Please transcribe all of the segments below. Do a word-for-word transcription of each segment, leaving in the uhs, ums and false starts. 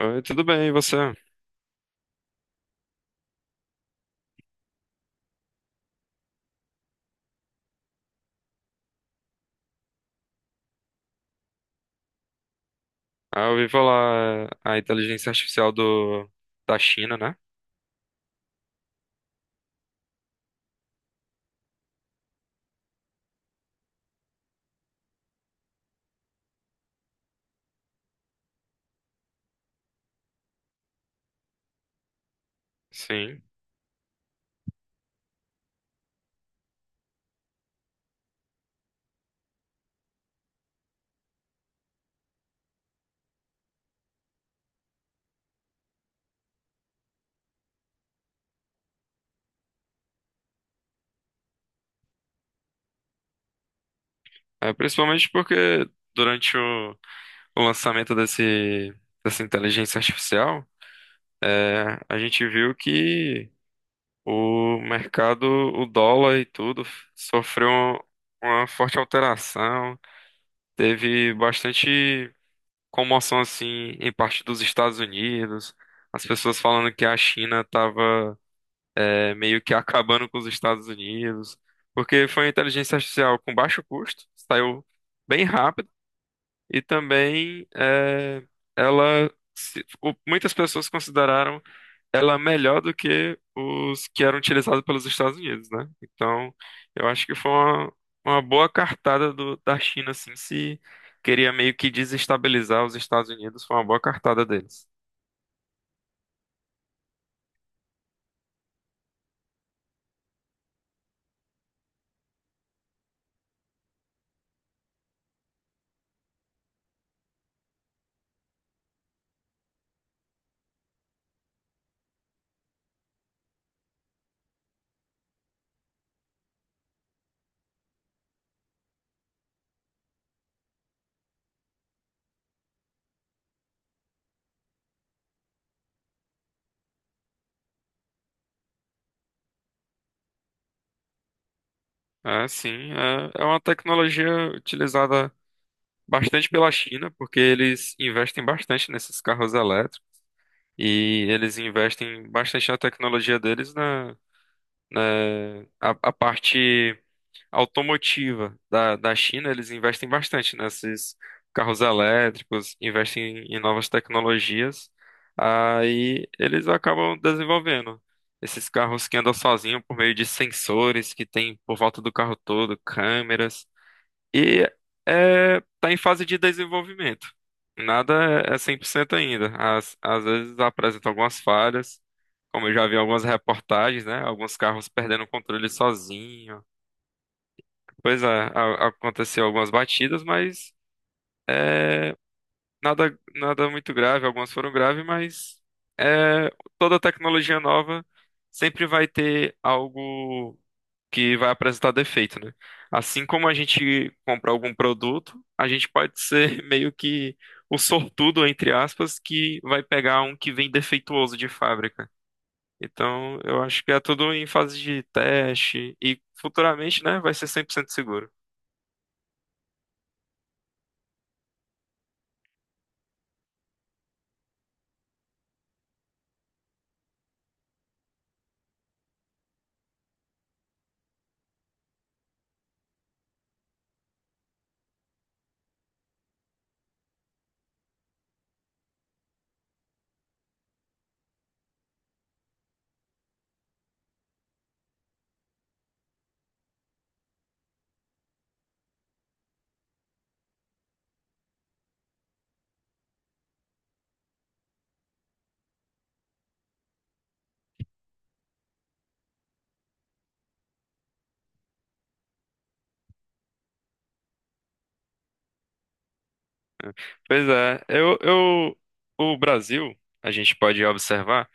Oi, tudo bem, e você? Ah, eu ouvi falar é, a inteligência artificial do, da China, né? Sim. É, principalmente porque durante o, o lançamento desse, dessa inteligência artificial, é, a gente viu que o mercado, o dólar e tudo, sofreu um, uma forte alteração. Teve bastante comoção, assim, em parte dos Estados Unidos. As pessoas falando que a China estava é, meio que acabando com os Estados Unidos, porque foi uma inteligência artificial com baixo custo, saiu bem rápido, e também é, ela se- o- muitas pessoas consideraram ela melhor do que os que eram utilizados pelos Estados Unidos, né? Então, eu acho que foi uma, uma boa cartada do- da China, assim, se queria meio que desestabilizar os Estados Unidos, foi uma boa cartada deles. É, sim, é, é uma tecnologia utilizada bastante pela China, porque eles investem bastante nesses carros elétricos e eles investem bastante na tecnologia deles na, na a, a parte automotiva da, da China, eles investem bastante nesses carros elétricos, investem em novas tecnologias, aí eles acabam desenvolvendo esses carros que andam sozinhos por meio de sensores que tem por volta do carro todo, câmeras. E é, tá em fase de desenvolvimento. Nada é é cem por cento ainda. Às, às vezes apresenta algumas falhas, como eu já vi em algumas reportagens, né? Alguns carros perdendo o controle sozinho. Pois é, a- aconteceu algumas batidas, mas é, nada, nada muito grave. Algumas foram graves, mas é, toda tecnologia nova sempre vai ter algo que vai apresentar defeito, né? Assim como a gente compra algum produto, a gente pode ser meio que o sortudo, entre aspas, que vai pegar um que vem defeituoso de fábrica. Então, eu acho que é tudo em fase de teste e futuramente, né, vai ser cem por cento seguro. Pois é, eu, eu, o Brasil, a gente pode observar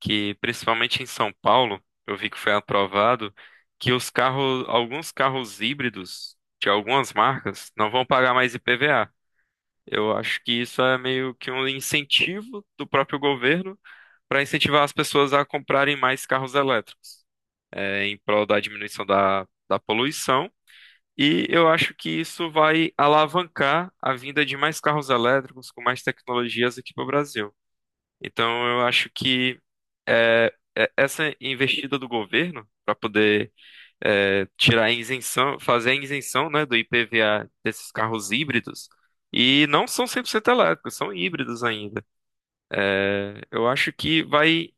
que principalmente em São Paulo, eu vi que foi aprovado que os carros, alguns carros híbridos de algumas marcas não vão pagar mais I P V A. Eu acho que isso é meio que um incentivo do próprio governo para incentivar as pessoas a comprarem mais carros elétricos, eh, em prol da diminuição da, da poluição. E eu acho que isso vai alavancar a vinda de mais carros elétricos com mais tecnologias aqui para o Brasil. Então, eu acho que é, é- essa investida do governo para poder é, tirar a isenção, fazer a isenção, né, do I P V A desses carros híbridos, e não são cem por cento elétricos, são híbridos ainda. É, eu acho que vai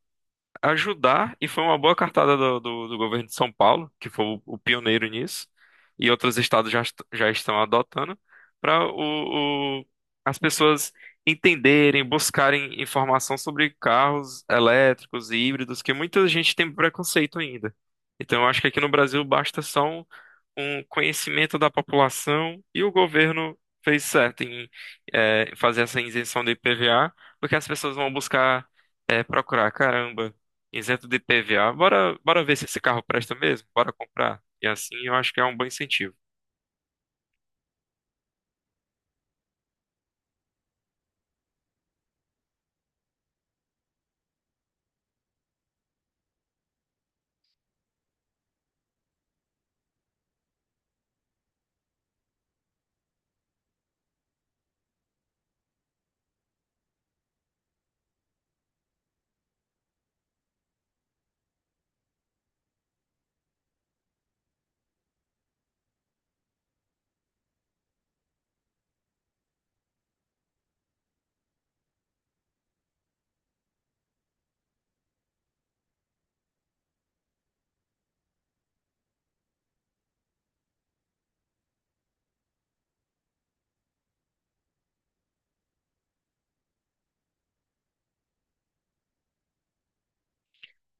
ajudar, e foi uma boa cartada do, do, do, governo de São Paulo, que foi o, o pioneiro nisso, e outros estados já, est- já estão adotando, para o, o- as pessoas entenderem, buscarem informação sobre carros elétricos e híbridos, que muita gente tem preconceito ainda. Então, eu acho que aqui no Brasil basta só um, um conhecimento da população e o governo fez certo em eh, fazer essa isenção do I P V A, porque as pessoas vão buscar é, procurar, caramba, isento de I P V A. Bora, bora ver se esse carro presta mesmo, bora comprar. E assim eu acho que é um bom incentivo.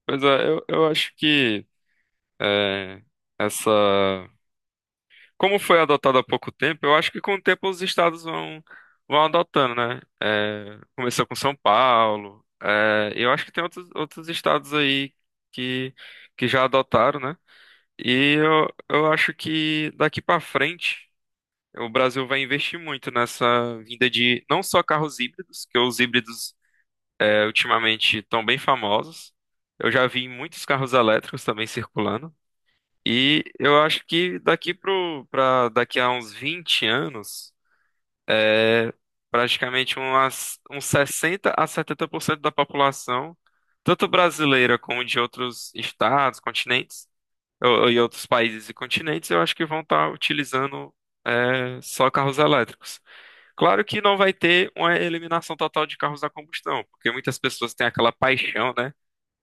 Pois é, eu, eu acho que é, essa. Como foi adotado há pouco tempo, eu acho que com o tempo os estados vão, vão adotando, né? É, começou com São Paulo, é, eu acho que tem outros, outros estados aí que, que já adotaram, né? E eu, eu acho que daqui pra frente o Brasil vai investir muito nessa vinda de não só carros híbridos, que os híbridos é, ultimamente estão bem famosos. Eu já vi muitos carros elétricos também circulando. E eu acho que daqui pro, pra, daqui a uns vinte anos, é, praticamente umas, uns sessenta a setenta por cento da população, tanto brasileira como de outros estados, continentes, ou- e outros países e continentes, eu acho que vão estar utilizando é, só carros elétricos. Claro que não vai ter uma eliminação total de carros a combustão, porque muitas pessoas têm aquela paixão, né,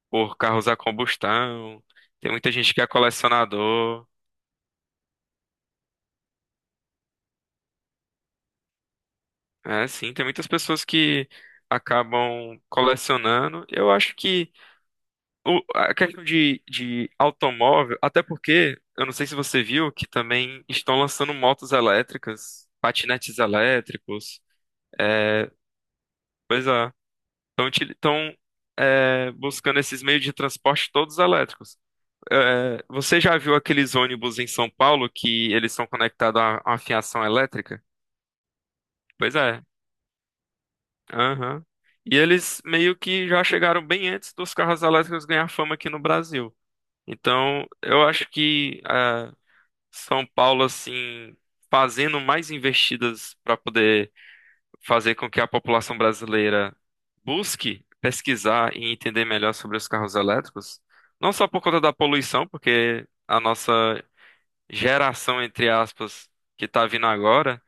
por carros a combustão. Tem muita gente que é colecionador. É, sim, tem muitas pessoas que acabam colecionando. Eu acho que o- a questão de, de automóvel, até porque, eu não sei se você viu, que também estão lançando motos elétricas, patinetes elétricos. é, Pois é, estão buscando esses meios de transporte todos elétricos. É, você já viu aqueles ônibus em São Paulo que eles são conectados a a uma fiação elétrica? Pois é. Aham. E eles meio que já chegaram bem antes dos carros elétricos ganhar fama aqui no Brasil. Então, eu acho que ah, São Paulo, assim, fazendo mais investidas para poder fazer com que a população brasileira busque pesquisar e entender melhor sobre os carros elétricos, não só por conta da poluição, porque a nossa geração, entre aspas, que tá vindo agora,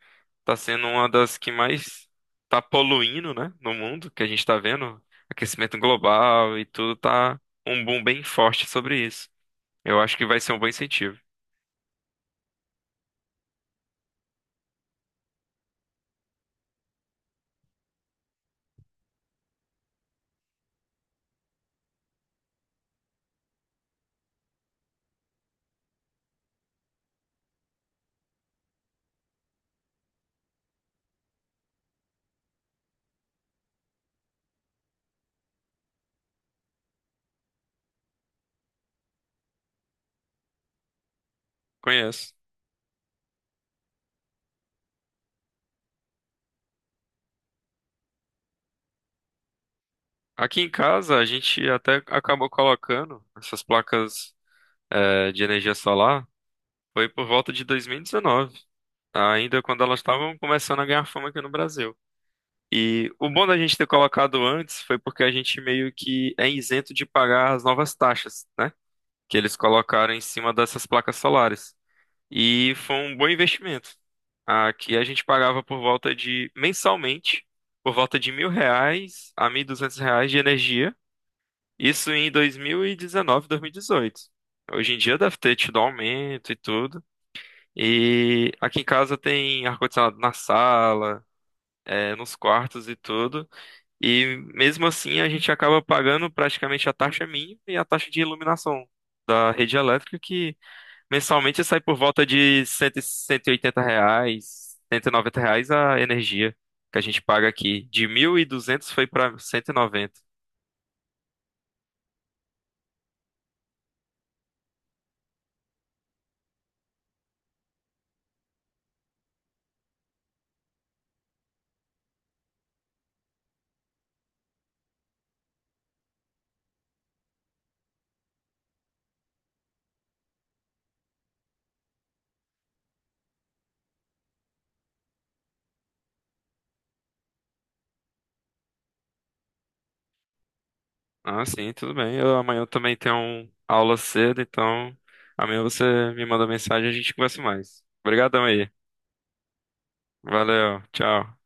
tá sendo uma das que mais tá poluindo, né, no mundo, que a gente tá vendo, aquecimento global e tudo tá um boom bem forte sobre isso. Eu acho que vai ser um bom incentivo. Conheço. Aqui em casa a gente até acabou colocando essas placas eh, de energia solar, foi por volta de dois mil e dezenove, ainda quando elas estavam começando a ganhar fama aqui no Brasil. E o bom da gente ter colocado antes foi porque a gente meio que é isento de pagar as novas taxas, né? Que eles colocaram em cima dessas placas solares. E foi um bom investimento. Aqui a gente pagava por volta de, mensalmente, por volta de mil reais a mil e duzentos reais de energia. Isso em dois mil e dezenove, dois mil e dezoito. Hoje em dia deve ter tido aumento e tudo. E aqui em casa tem ar-condicionado na sala, eh, nos quartos e tudo. E mesmo assim a gente acaba pagando praticamente a taxa mínima e a taxa de iluminação da rede elétrica, que mensalmente sai por volta de cento e cento e oitenta reais, cento e noventa reais a energia que a gente paga aqui. De mil e duzentos foi para cento e noventa. Ah, sim, tudo bem. Eu, amanhã eu também tenho um- aula cedo, então amanhã você me manda mensagem e a gente conversa mais. Obrigadão aí. Valeu, tchau.